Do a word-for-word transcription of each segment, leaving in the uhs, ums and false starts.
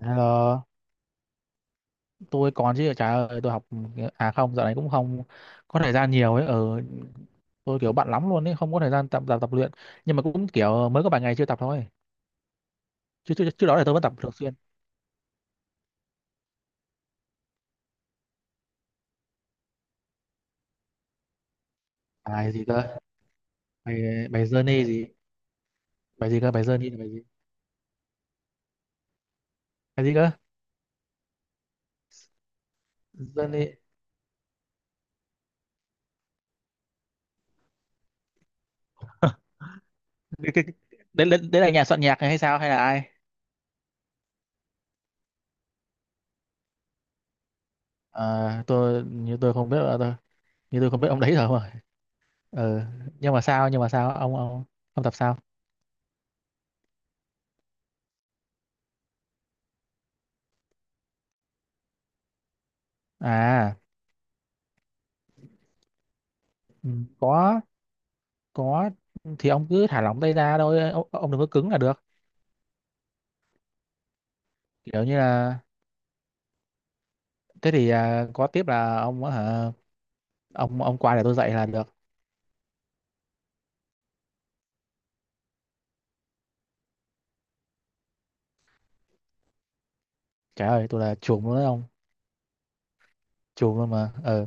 Hello, tôi còn chứ, trời ơi, tôi học à không dạo này cũng không có thời gian nhiều ấy ở tôi kiểu bận lắm luôn ấy không có thời gian tập tập tập luyện. Nhưng mà cũng kiểu mới có vài ngày chưa tập thôi, chứ trước trước đó là tôi vẫn tập thường xuyên. Bài gì cơ? Bài bài journey gì? Bài gì cơ? Bài journey là bài gì? Bài gì cơ? Journey. cái, cái, đấy, đấy, đấy là nhà soạn nhạc hay sao hay là ai? À, tôi như tôi không biết là tôi, như tôi không biết ông đấy rồi. Ừ. Nhưng mà sao nhưng mà sao ông ông ông tập sao? à ừ, có có. Thì ông cứ thả lỏng tay ra thôi ông, ông đừng có cứng là được. Kiểu như là thế thì à, có tiếp là ông hả? ông ông qua để tôi dạy là được. Trời ơi tôi là chuồng luôn đấy ông, chuồng luôn mà ờ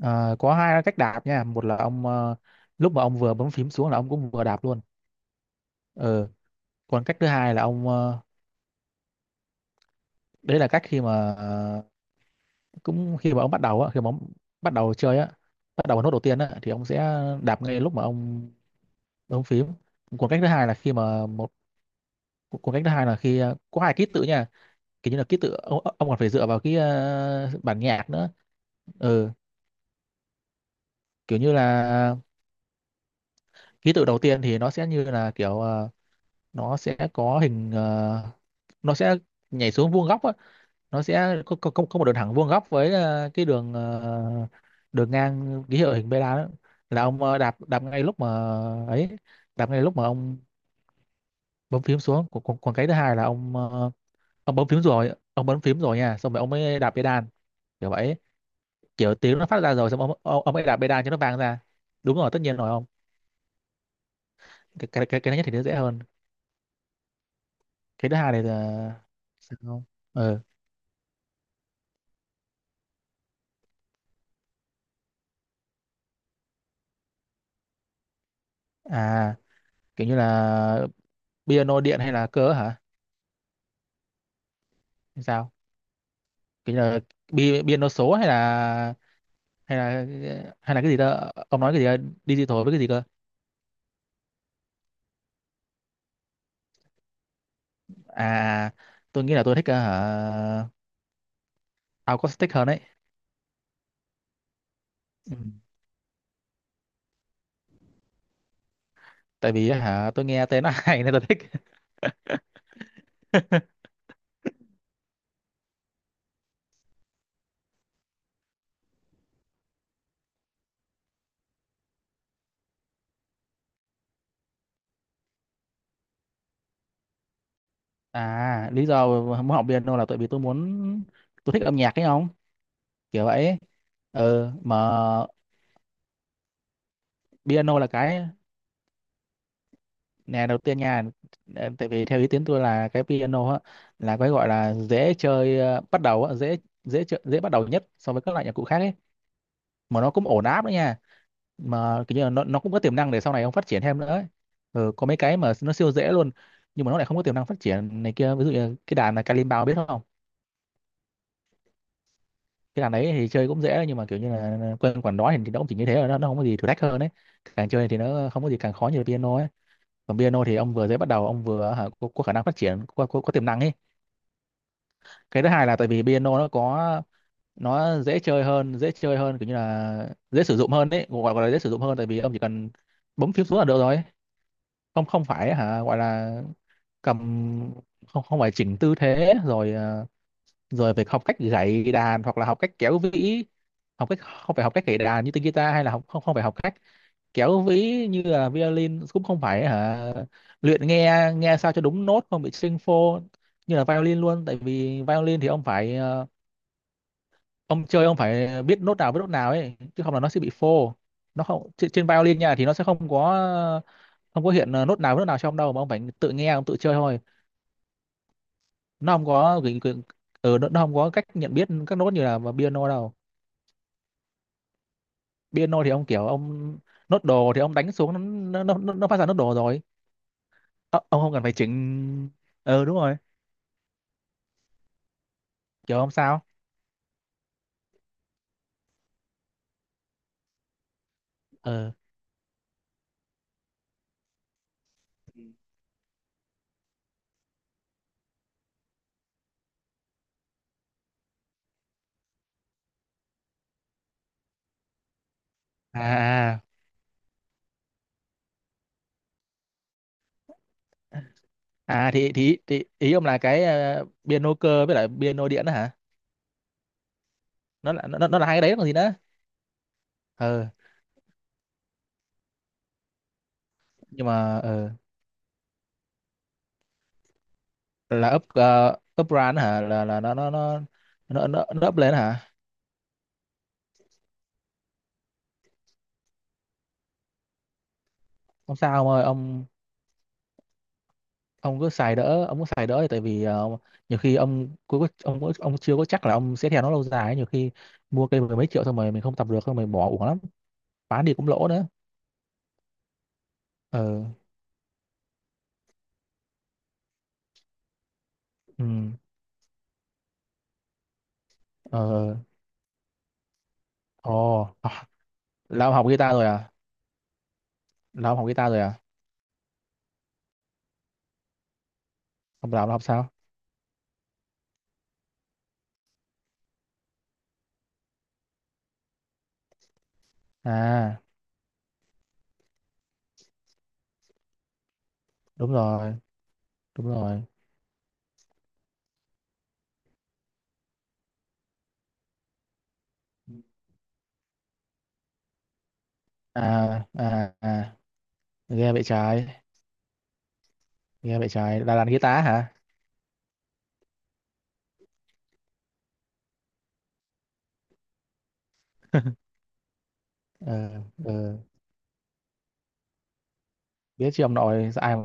à, có hai cách đạp nha. Một là ông, ờ, lúc mà ông vừa bấm phím xuống là ông cũng vừa đạp luôn. Ờ. Còn cách thứ hai là ông, ờ, đấy là cách khi mà ờ, cũng khi mà ông bắt đầu á, khi mà ông bắt đầu chơi á, bắt đầu vào nốt đầu tiên á, thì ông sẽ đạp ngay lúc mà ông bấm phím. Còn cách thứ hai là khi mà một Cu- cuốn, cách thứ hai là khi ờ, có hai ký tự nha. Kiểu như là ký tự, ông, ông còn phải dựa vào cái ờ, bản nhạc nữa. Ừ. Kiểu như là ký tự đầu tiên thì nó sẽ như là kiểu ờ, nó sẽ có hình, ờ, nó sẽ nhảy xuống vuông góc á, nó sẽ có, có, có có một đường thẳng vuông góc với ờ, cái đường ờ, đường ngang ký hiệu hình beta đó, là ông ờ, đạp đạp ngay lúc mà ấy, đạp ngay lúc mà ông bấm phím xuống. Còn, còn, còn cái thứ hai là ông, ờ, ông bấm phím rồi ông bấm phím rồi nha, xong rồi ông mới đạp pedal, kiểu vậy. Kiểu tiếng nó phát ra rồi xong ông ông, ông mới đạp pedal cho nó vang ra. Đúng rồi tất nhiên rồi ông. Cái cái cái, cái thứ nhất thì nó dễ hơn. Cái thứ hai này là sao không? Ừ. À. Kiểu như là piano điện hay là cơ hả, hay sao, kiểu như là pi- piano số hay là, hay là, hay là cái gì đó, ông nói cái gì đó, digital với cái gì cơ? À. Tôi nghĩ là tôi thích, ờ, hả, acoustic hơn đấy. Ừ. Tại vì hả tôi nghe tên nó hay nên tôi thích. À, lý do muốn học piano là tại vì tôi muốn, tôi thích âm nhạc ấy không? Kiểu vậy. Ừ, mà piano là cái nè đầu tiên nha. Ờ, tại vì theo ý kiến tôi là cái piano á là cái gọi là dễ chơi, ờ, bắt đầu á, dễ dễ chơi, dễ bắt đầu nhất so với các loại nhạc cụ khác ấy, mà nó cũng ổn áp nữa nha. Mà kiểu như là nó nó cũng có tiềm năng để sau này ông phát triển thêm nữa ấy. Ừ, có mấy cái mà nó siêu dễ luôn, nhưng mà nó lại không có tiềm năng phát triển này kia. Ví dụ như cái đàn là kalimba, ông biết không? Cái đàn đấy thì chơi cũng dễ, nhưng mà kiểu như là quên quản đó thì nó cũng chỉ như thế rồi, nó, nó không có gì thử thách hơn đấy, càng chơi thì nó không có gì càng khó như là piano ấy. Còn piano thì ông vừa dễ bắt đầu ông vừa hả, có, có khả năng phát triển, có, có, có tiềm năng ấy. Cái thứ hai là tại vì piano nó có, nó dễ chơi hơn dễ chơi hơn, kiểu như là dễ sử dụng hơn đấy. Gọi, gọi là dễ sử dụng hơn. Tại vì ông chỉ cần bấm phím xuống là được rồi. Không Không phải hả, gọi là cầm, không không phải chỉnh tư thế rồi, ờ, rồi phải học cách gảy đàn hoặc là học cách kéo vĩ. Học cách, không phải học cách gảy đàn như tiếng guitar, hay là học, không không phải học cách kéo vĩ như là violin, cũng không phải hả luyện nghe, nghe sao cho đúng nốt không bị sinh phô như là violin luôn. Tại vì violin thì ông phải, ờ, ông chơi ông phải biết nốt nào với nốt nào ấy, chứ không là nó sẽ bị phô. Nó không trên trên violin nha thì nó sẽ không có, không có hiện ờ, nốt nào với nốt nào cho ông đâu, mà ông phải tự nghe, ông tự chơi thôi. Nó không có gửi- gửi- Ừ, nó nó không có cách nhận biết các nốt như là piano đâu. Piano thì ông kiểu ông nốt đồ thì ông đánh xuống, nó nó nó, nó phát ra nốt đồ rồi. Ờ, ông không cần phải chỉnh. Ờ đúng rồi. Kiểu ông sao ờ à à à. À, thì thì, thì ý ông là cái, ờ, piano cơ với lại piano điện đó hả? Nó là nó, nó là hai cái đấy còn gì nữa. Ờ, nhưng mà ờ là up uh, up brand hả, là là nó nó nó nó nó, nó up lên hả? Không sao ông ơi ông ông cứ xài đỡ, ông cứ xài đỡ thì tại vì, ờ, nhiều khi ông cứ ông ông, ông chưa có chắc là ông sẽ theo nó lâu dài ấy. Nhiều khi mua cây mười mấy triệu xong rồi mình không tập được, xong rồi mình bỏ uổng lắm, bán đi cũng lỗ nữa. Ờ. Ừ. Ờ. Ồ, à, là ông học guitar rồi à? là ông học guitar rồi à ông làm ông học sao? À đúng rồi đúng rồi. À à à. Ghê vậy trái. Ghê vậy trái là đàn guitar hả? Ờ. Ờ. Biết chứ ông nội ai mà.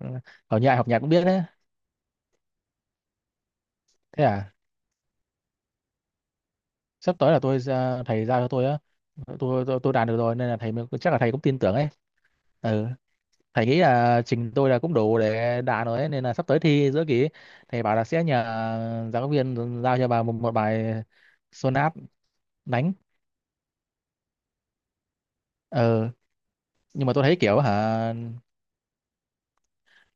Ờ, hầu như ai học nhạc cũng biết đấy. Thế à? Sắp tới là tôi ra- thầy giao cho tôi á, tôi tôi, tôi đạt được rồi nên là thầy mới- chắc là thầy cũng tin tưởng ấy. Ừ. Thầy nghĩ là trình tôi là cũng đủ để đạt rồi ấy. Nên là sắp tới thi giữa kỳ ấy, thầy bảo là sẽ nhờ giáo viên giao cho bà một, một bài sonat đánh. Ừ. Nhưng mà tôi thấy kiểu hả,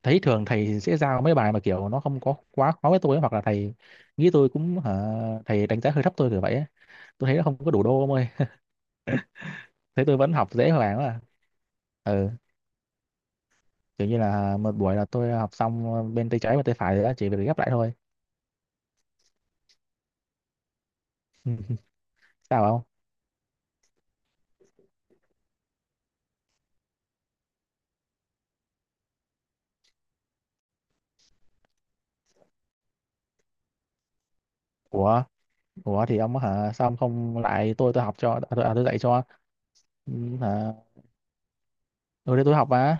thấy thường thầy sẽ giao mấy bài mà kiểu nó không có quá khó với tôi ấy. Hoặc là thầy nghĩ tôi cũng hả, thầy đánh giá hơi thấp tôi kiểu vậy ấy. Tôi thấy nó không có đủ đô ông ơi. Thấy tôi vẫn học dễ hoàng quá à. Ừ. Kiểu như là một buổi là tôi học xong bên tay trái và tay phải rồi á, chỉ việc ghép lại thôi. Sao không? Ủa, ủa thì ông hả, sao ông không lại tôi tôi học cho, à, tôi, à, tôi dạy cho. Ừ, hả ừ, đấy tôi học mà.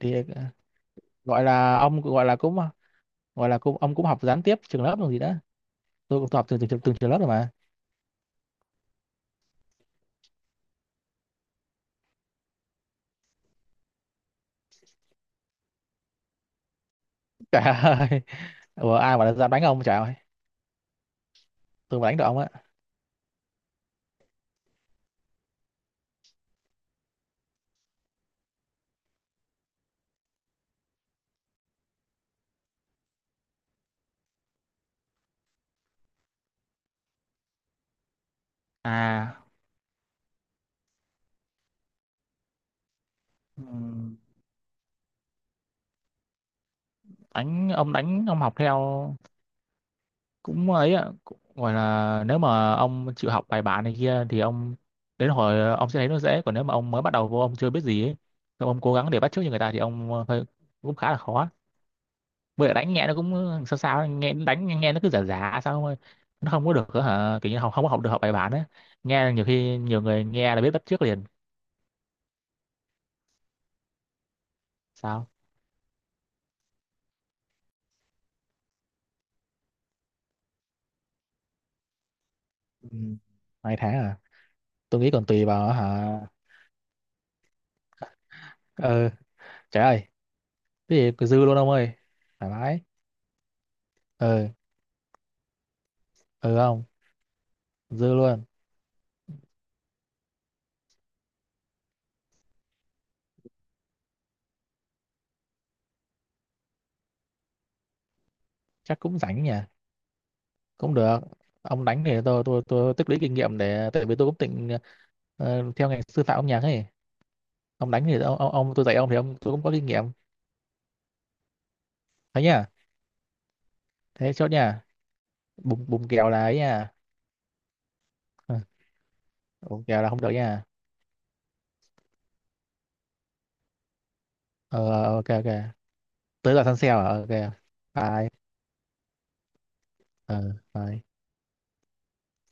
Thì ờ, gọi là ông gọi là cũng gọi là cũng ông cũng học gián tiếp trường lớp còn gì đó. Tôi cũng tôi học từng từng, từng trường lớp rồi mà. Trời ơi. Ủa ai mà dám đánh ông trời ơi, tôi mà đánh được ông á. À. Ừm, đánh ông đánh ông học theo cũng ấy ạ, cũng gọi là nếu mà ông chịu học bài bản này kia thì ông đến hồi ông sẽ thấy nó dễ, còn nếu mà ông mới bắt đầu vô, ông chưa biết gì ấy, xong ông cố gắng để bắt chước như người ta thì ông, ờ, hơi cũng khá là khó. Với lại đánh nghe nó cũng, sao sao nghe đánh nghe nó cứ giả giả sao không ơi. Nó không có được, ờ, hả kiểu như học không có học được học bài bản á, nghe nhiều khi nhiều người nghe là biết bắt chước liền. Sao. Ừ. Hai tháng à? Tôi nghĩ còn tùy vào hả. Ờ, trời ơi cái gì cứ dư luôn ông ơi. Thoải mái. Ờ. Ừ không, dư luôn. Chắc cũng rảnh nhỉ. Cũng được. Ông đánh thì tôi tôi tôi tích lũy kinh nghiệm để tại vì tôi cũng định, ờ, theo ngành sư phạm âm nhạc ấy. Ông đánh thì ông, ông, ông tôi dạy ông thì ông tôi cũng có kinh nghiệm. Thế nhá. Thế chốt nha. Bùng Bùng kèo là ấy nha. Ừ, bùng kèo là không được nha. Ờ ok ok. Tới giờ săn sale à? Ok. Bye. Ờ. Bye.